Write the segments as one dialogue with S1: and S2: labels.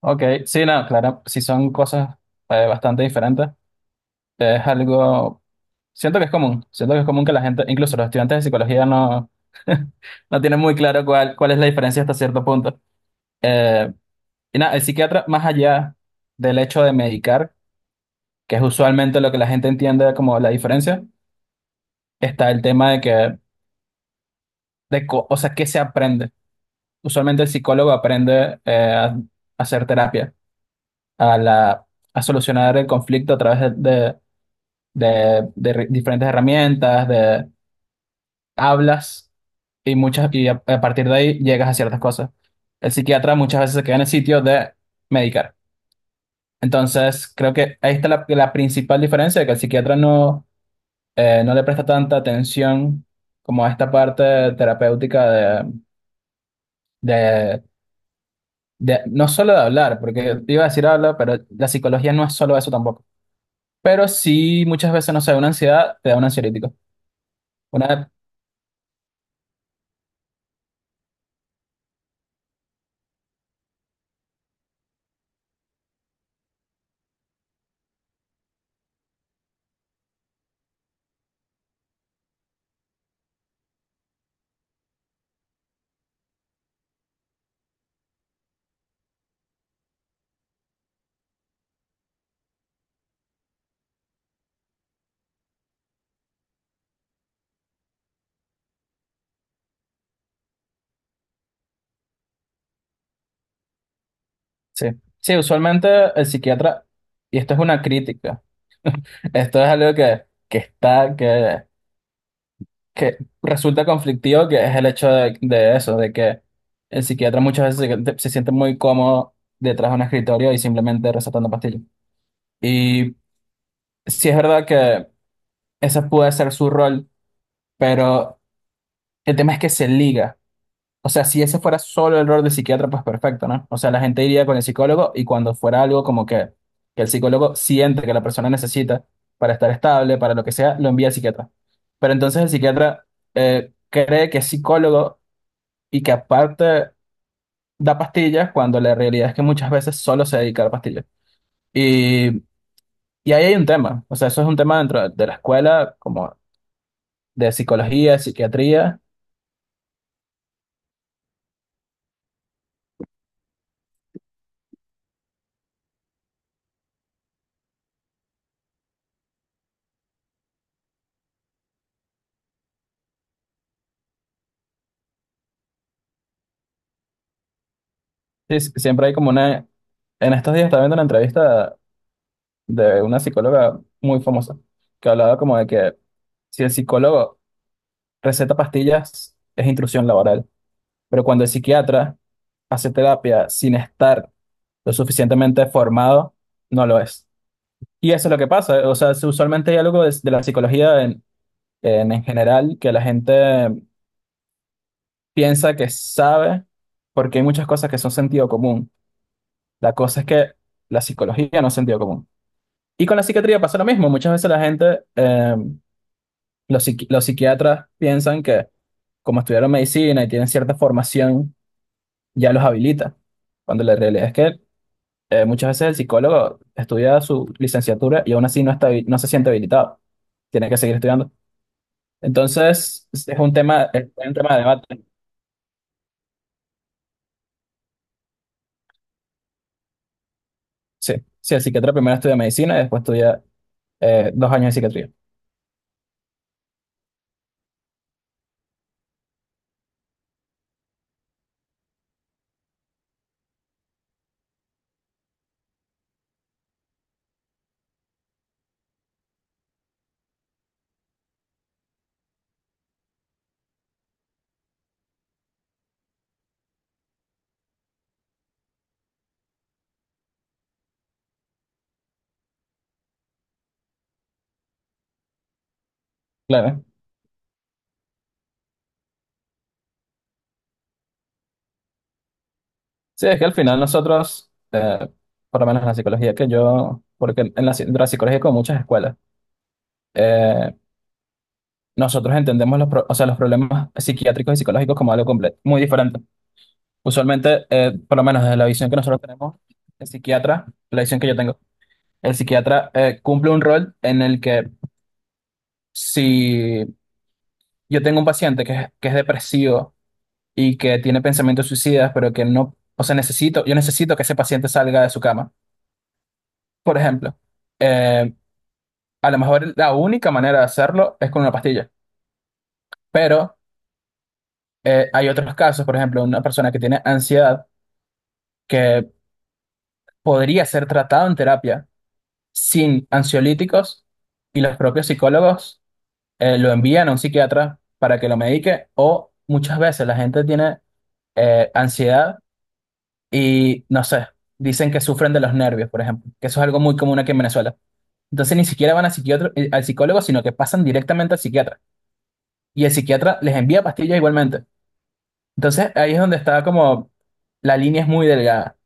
S1: Ok, sí, no, claro, sí son cosas bastante diferentes. Es algo, siento que es común, siento que es común que la gente, incluso los estudiantes de psicología no, no tienen muy claro cuál es la diferencia hasta cierto punto. Eh, y nada, el psiquiatra, más allá del hecho de medicar, que es usualmente lo que la gente entiende como la diferencia, está el tema de o sea, ¿qué se aprende? Usualmente el psicólogo aprende a hacer terapia, a la, a solucionar el conflicto a través diferentes herramientas, de hablas y muchas a partir de ahí llegas a ciertas cosas. El psiquiatra muchas veces se queda en el sitio de medicar. Entonces, creo que ahí está la principal diferencia, que el psiquiatra no, no le presta tanta atención como a esta parte terapéutica de, de, no solo de hablar, porque iba a decir habla, pero la psicología no es solo eso tampoco. Pero sí, muchas veces, no sé, una ansiedad te da un ansiolítico. Una sí, sí, usualmente el psiquiatra, y esto es una crítica, esto es algo que resulta conflictivo, que es el hecho de eso, de que el psiquiatra muchas veces se siente muy cómodo detrás de un escritorio y simplemente recetando pastillas. Y sí es verdad que ese puede ser su rol, pero el tema es que se liga. O sea, si ese fuera solo el rol de psiquiatra, pues perfecto, ¿no? O sea, la gente iría con el psicólogo y cuando fuera algo como que el psicólogo siente que la persona necesita para estar estable, para lo que sea, lo envía al psiquiatra. Pero entonces el psiquiatra cree que es psicólogo y que aparte da pastillas cuando la realidad es que muchas veces solo se dedica a la pastilla. Y, y ahí hay un tema, o sea, eso es un tema dentro de la escuela, como de psicología, psiquiatría. Sí, sí, siempre hay como una... En estos días estaba viendo una entrevista de una psicóloga muy famosa, que hablaba como de que si el psicólogo receta pastillas, es intrusión laboral, pero cuando el psiquiatra hace terapia sin estar lo suficientemente formado, no lo es. Y eso es lo que pasa, o sea, usualmente hay algo de la psicología en general que la gente piensa que sabe, porque hay muchas cosas que son sentido común. La cosa es que la psicología no es sentido común. Y con la psiquiatría pasa lo mismo, muchas veces la gente... los, los psiquiatras piensan que como estudiaron medicina y tienen cierta formación, ya los habilita, cuando la realidad es que muchas veces el psicólogo estudia su licenciatura y aún así no está, no se siente habilitado, tiene que seguir estudiando. Entonces, es un tema de debate. Sí, sí, el psiquiatra primero estudia medicina y después estudia 2 años de psiquiatría. Claro. Sí, es que al final nosotros, por lo menos en la psicología que yo, porque en la psicología hay como muchas escuelas, eh, nosotros entendemos o sea, los problemas psiquiátricos y psicológicos como algo completo, muy diferente. Usualmente, por lo menos desde la visión que nosotros tenemos, el psiquiatra, la visión que yo tengo, el psiquiatra cumple un rol en el que si yo tengo un paciente que es depresivo y que tiene pensamientos suicidas, pero que no, o sea, necesito, yo necesito que ese paciente salga de su cama, por ejemplo, eh, a lo mejor la única manera de hacerlo es con una pastilla, pero hay otros casos, por ejemplo, una persona que tiene ansiedad, que podría ser tratado en terapia sin ansiolíticos y los propios psicólogos lo envían a un psiquiatra para que lo medique o muchas veces la gente tiene ansiedad y no sé, dicen que sufren de los nervios, por ejemplo, que eso es algo muy común aquí en Venezuela. Entonces ni siquiera van a al psicólogo, sino que pasan directamente al psiquiatra y el psiquiatra les envía pastillas igualmente. Entonces ahí es donde está como la línea es muy delgada.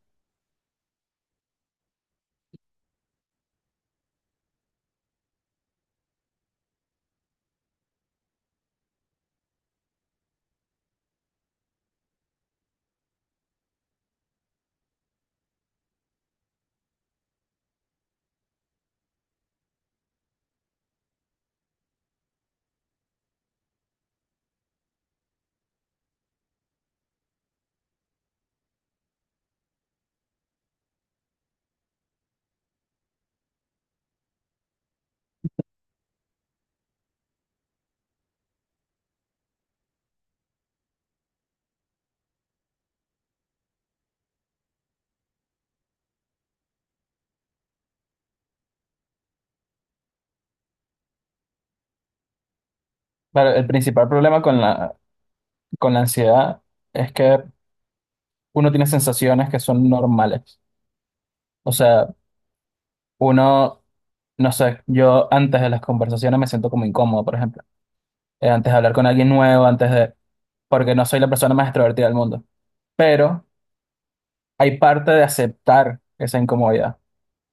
S1: Claro, el principal problema con con la ansiedad es que uno tiene sensaciones que son normales. O sea, uno, no sé, yo antes de las conversaciones me siento como incómodo, por ejemplo. Antes de hablar con alguien nuevo, antes de... porque no soy la persona más extrovertida del mundo. Pero hay parte de aceptar esa incomodidad,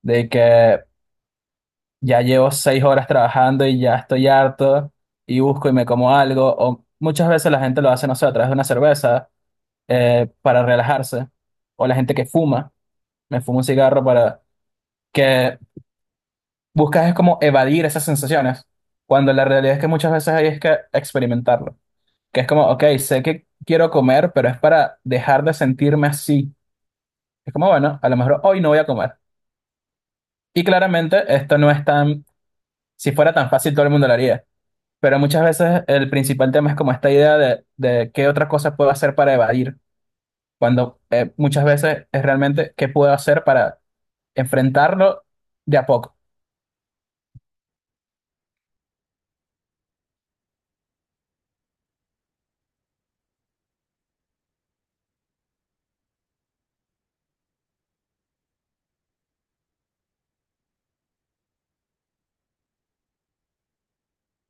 S1: de que ya llevo 6 horas trabajando y ya estoy harto y busco y me como algo. O muchas veces la gente lo hace, no sé, a través de una cerveza para relajarse. O la gente que fuma, me fumo un cigarro para que buscas es como evadir esas sensaciones, cuando la realidad es que muchas veces hay es que experimentarlo. Que es como, ok, sé que quiero comer, pero es para dejar de sentirme así. Es como, bueno, a lo mejor hoy no voy a comer. Y claramente esto no es tan, si fuera tan fácil todo el mundo lo haría. Pero muchas veces el principal tema es como esta idea de qué otra cosa puedo hacer para evadir, cuando muchas veces es realmente qué puedo hacer para enfrentarlo de a poco.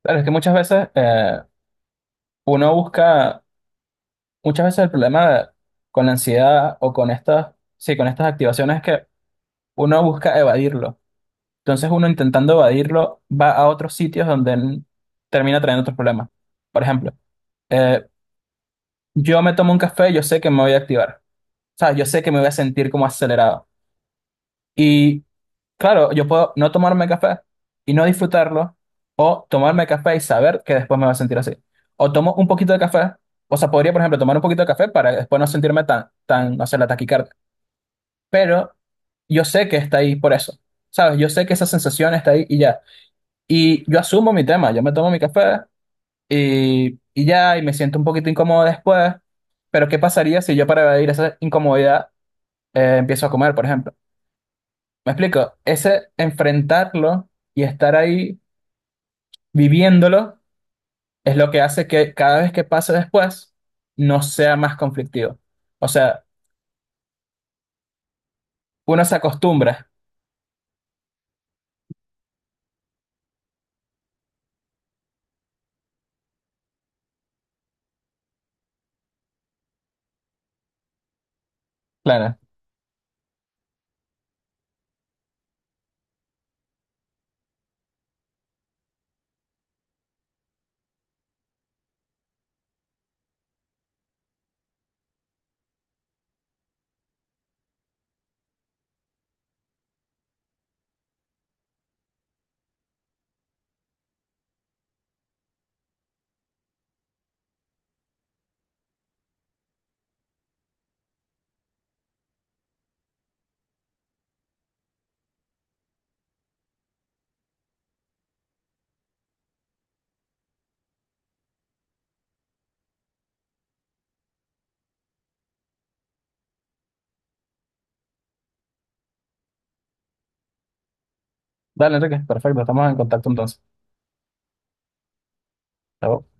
S1: Claro, es que muchas veces uno busca muchas veces el problema con la ansiedad o con estas, sí, con estas activaciones es que uno busca evadirlo. Entonces uno intentando evadirlo va a otros sitios donde termina trayendo otros problemas. Por ejemplo, eh, yo me tomo un café, yo sé que me voy a activar. O sea, yo sé que me voy a sentir como acelerado. Y claro, yo puedo no tomarme café y no disfrutarlo, o tomarme café y saber que después me voy a sentir así. O tomo un poquito de café, o sea, podría, por ejemplo, tomar un poquito de café para después no sentirme no sé, la taquicardia pero yo sé que está ahí por eso, ¿sabes? Yo sé que esa sensación está ahí y ya. Y yo asumo mi tema, yo me tomo mi café y ya, y me siento un poquito incómodo después, pero ¿qué pasaría si yo para evadir esa incomodidad empiezo a comer, por ejemplo? ¿Me explico? Ese enfrentarlo y estar ahí viviéndolo es lo que hace que cada vez que pase después no sea más conflictivo. O sea, uno se acostumbra. Claro. Dale, Enrique, perfecto, estamos en contacto entonces. Chao.